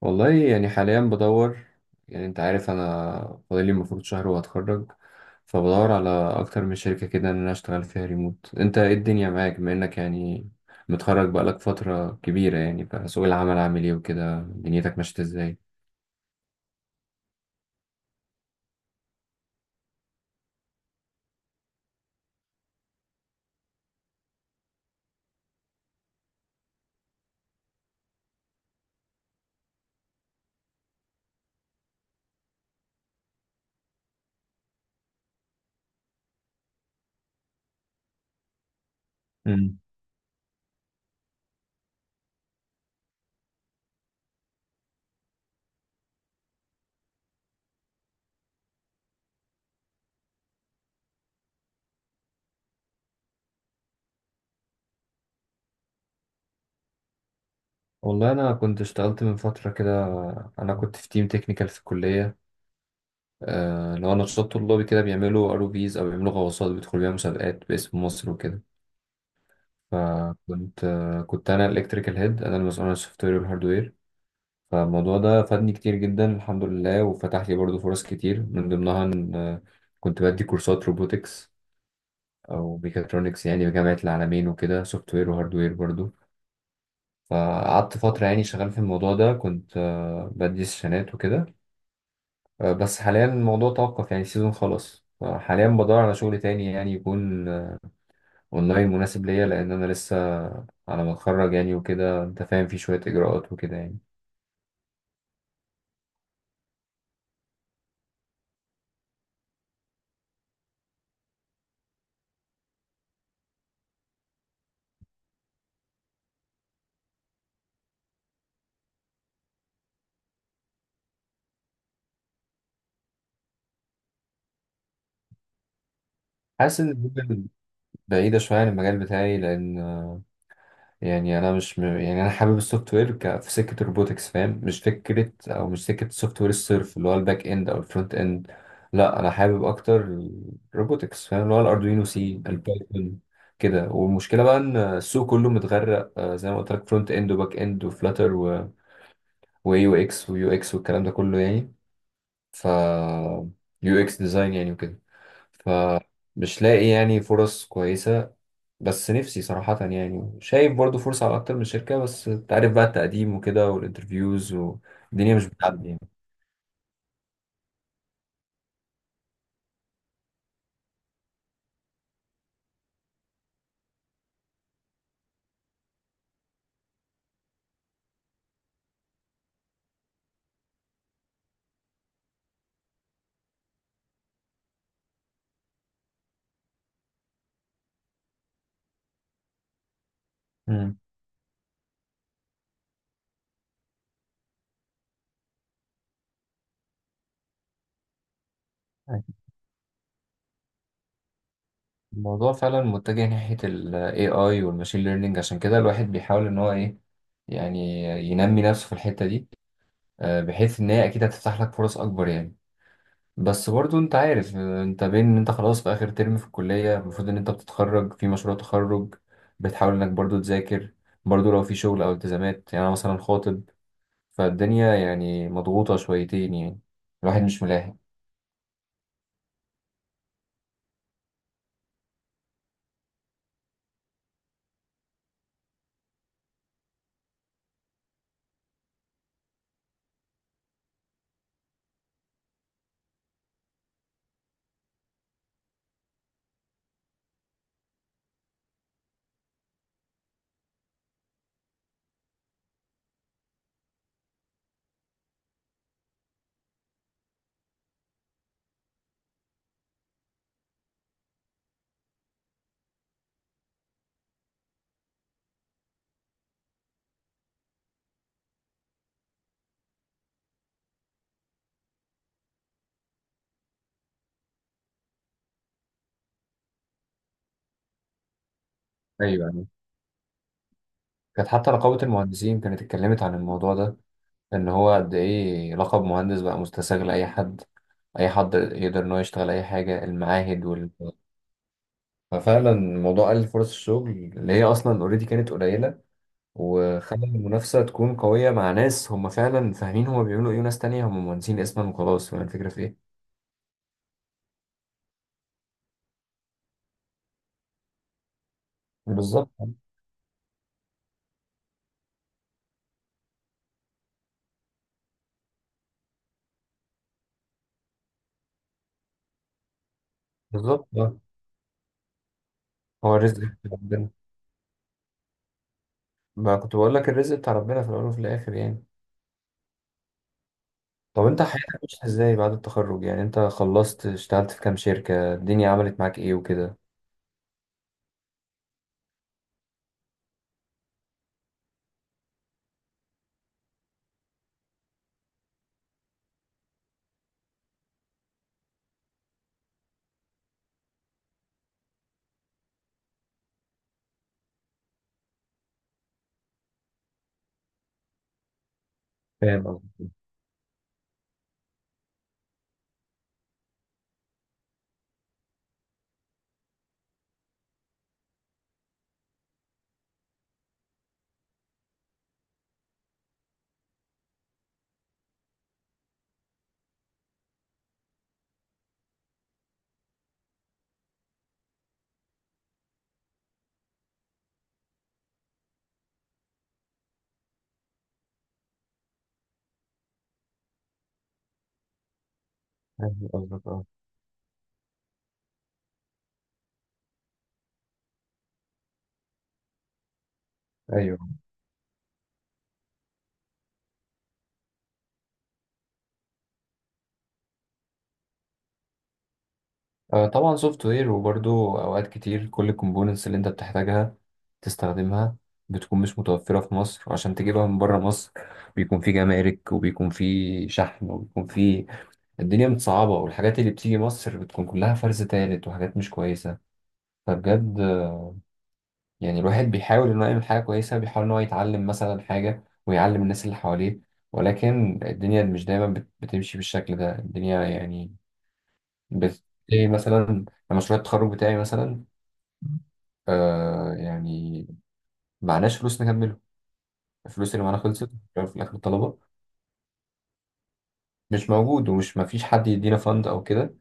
والله يعني حاليا بدور. يعني انت عارف انا فاضلي المفروض شهر وهتخرج، فبدور على اكتر من شركة كده ان انا اشتغل فيها ريموت. انت ايه الدنيا معاك بما انك يعني متخرج بقالك فترة كبيرة يعني؟ فسوق العمل عامل ايه وكده؟ دنيتك ماشية ازاي؟ مم. والله انا كنت اشتغلت من فترة كده، انا كنت في تيم تكنيكال في الكلية. لو نشاط طلابي كده، بيعملوا ار او فيز او بيعملوا غواصات بيدخلوا بيها مسابقات باسم مصر وكده. فكنت انا الالكتريكال هيد، انا المسؤول عن السوفت وير والهاردوير. فالموضوع ده فادني كتير جدا الحمد لله، وفتح لي برضه فرص كتير، من ضمنها ان كنت بدي كورسات روبوتكس او ميكاترونكس يعني بجامعة العالمين وكده، سوفت وير وهاردوير برضه. فقعدت فترة يعني شغال في الموضوع ده، كنت بدي سيشنات وكده. بس حاليا الموضوع توقف، يعني السيزون خلاص، فحاليا بدور على شغل تاني يعني يكون اونلاين مناسب ليا، لان انا لسه على ما اتخرج يعني وكده، انت فاهم، في شويه اجراءات وكده يعني. حاسس ان جوجل بعيده شويه عن المجال بتاعي، لان يعني انا مش م... يعني انا حابب السوفت وير في سكه الروبوتكس، فاهم؟ مش فكره او مش سكه السوفت وير الصرف، اللي هو الباك اند او الفرونت اند. لا، انا حابب اكتر الروبوتكس، فاهم؟ اللي هو الاردوينو، سي، البايثون كده. والمشكله بقى ان السوق كله متغرق، زي ما قلت لك، فرونت اند وباك اند وفلاتر و... واي يو اكس ويو اكس والكلام ده كله يعني. ف يو اكس ديزاين يعني وكده. فمش لاقي يعني فرص كويسة. بس نفسي صراحة، يعني شايف برضو فرصة على أكتر من شركة، بس أنت عارف بقى، التقديم وكده والانترفيوز والدنيا مش بتعدي يعني. مم. الموضوع فعلا متجه ناحية ال AI وال Machine Learning، عشان كده الواحد بيحاول إن هو إيه يعني، ينمي نفسه في الحتة دي، بحيث إن هي أكيد هتفتح لك فرص أكبر يعني. بس برضو انت عارف، انت بين ان انت خلاص في اخر ترم في الكلية، المفروض ان انت بتتخرج، في مشروع تخرج، بتحاول انك برضو تذاكر، برضو لو في شغل او التزامات، يعني انا مثلا خاطب. فالدنيا يعني مضغوطة شويتين يعني، الواحد مش ملاحق. ايوه، أيوة. كانت حتى رقابة المهندسين كانت اتكلمت عن الموضوع ده، ان هو قد ايه لقب مهندس بقى مستساغ لاي حد، اي حد يقدر ان هو يشتغل اي حاجة، المعاهد وال... ففعلا موضوع قلل فرص الشغل اللي هي اصلا اوريدي كانت قليلة، وخلى المنافسة تكون قوية مع ناس هم فعلا فاهمين هم بيعملوا ايه، وناس تانية هم مهندسين اسما وخلاص، فاهم الفكرة في ايه. بالظبط. بالظبط آه. هو الرزق بتاع ربنا. ما كنت بقول لك، الرزق بتاع ربنا في الأول وفي الآخر يعني. طب انت حياتك مشيت ازاي بعد التخرج؟ يعني انت خلصت اشتغلت في كام شركة؟ الدنيا عملت معاك ايه وكده؟ فاهم قصدك. فاهم قصدك، اه. ايوه. طبعا سوفت وير، وبرضه اوقات كتير كل الكومبوننتس اللي انت بتحتاجها تستخدمها بتكون مش متوفرة في مصر، وعشان تجيبها من بره مصر بيكون في جمارك وبيكون في شحن وبيكون في... الدنيا متصعبة، والحاجات اللي بتيجي مصر بتكون كلها فرز تالت وحاجات مش كويسة. فبجد يعني الواحد بيحاول انه يعمل حاجة كويسة، بيحاول ان هو يتعلم مثلا حاجة ويعلم الناس اللي حواليه، ولكن الدنيا مش دايما بتمشي بالشكل ده، الدنيا يعني بت... إيه مثلا، مشروع التخرج بتاعي مثلا، آه يعني معناش فلوس نكمله، الفلوس اللي معانا خلصت، في الاخر الطلبه... مش موجود، ومش مفيش حد يدينا فند او كده.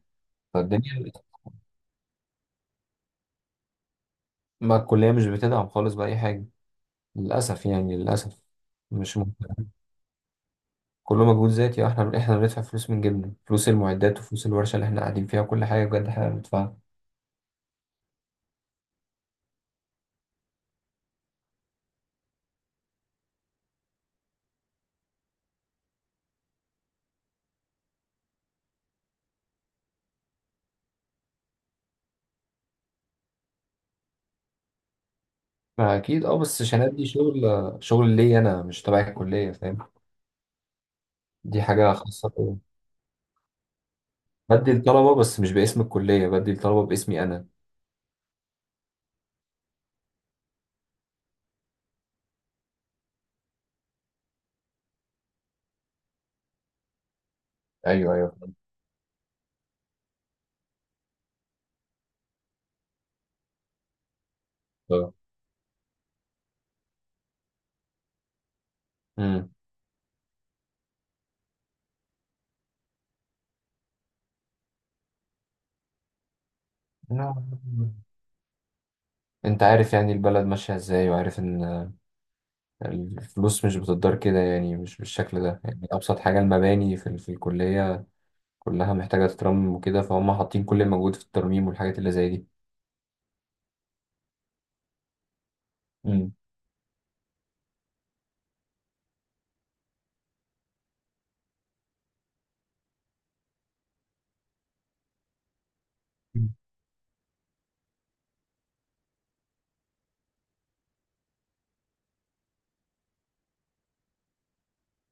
فالدنيا... ما الكليه مش بتدعم خالص باي حاجه، للاسف يعني للاسف. مش ممكن، كله مجهود ذاتي. احنا بندفع فلوس من جيبنا، فلوس المعدات وفلوس الورشه اللي احنا قاعدين فيها، وكل حاجه بجد احنا بندفعها. ما اكيد اه، بس شنات دي شغل، شغل ليا انا، مش تبع الكليه، فاهم؟ دي حاجه خاصه بيا. بدي الطلبه، بس مش باسم الكليه، بدي الطلبه باسمي انا. ايوه. ايوه. امم. نعم. انت عارف يعني البلد ماشية ازاي، وعارف ان الفلوس مش بتدار كده يعني، مش بالشكل ده يعني. ابسط حاجة المباني في الكلية كلها محتاجة تترمم وكده، فهم حاطين كل المجهود في الترميم والحاجات اللي زي دي. امم.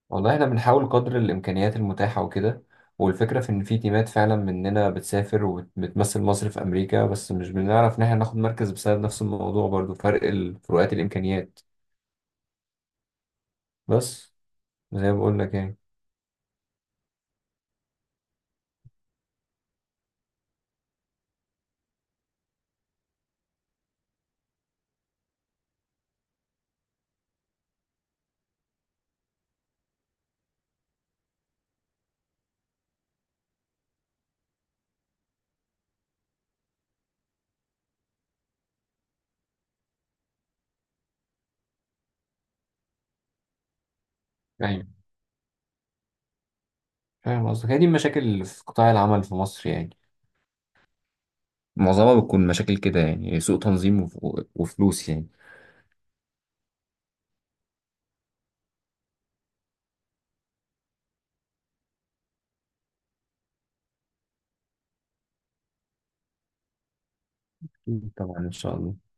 والله احنا بنحاول قدر الامكانيات المتاحة وكده، والفكرة في ان في تيمات فعلا مننا بتسافر وبتمثل مصر في امريكا، بس مش بنعرف ان احنا ناخد مركز بسبب نفس الموضوع برضو، فرق فروقات الامكانيات. بس زي ما بقول لك يعني. فاهم قصدك، هي دي المشاكل اللي في قطاع العمل في مصر يعني، معظمها بتكون مشاكل كده يعني، سوء تنظيم وفلوس يعني. أكيد طبعا، إن شاء الله.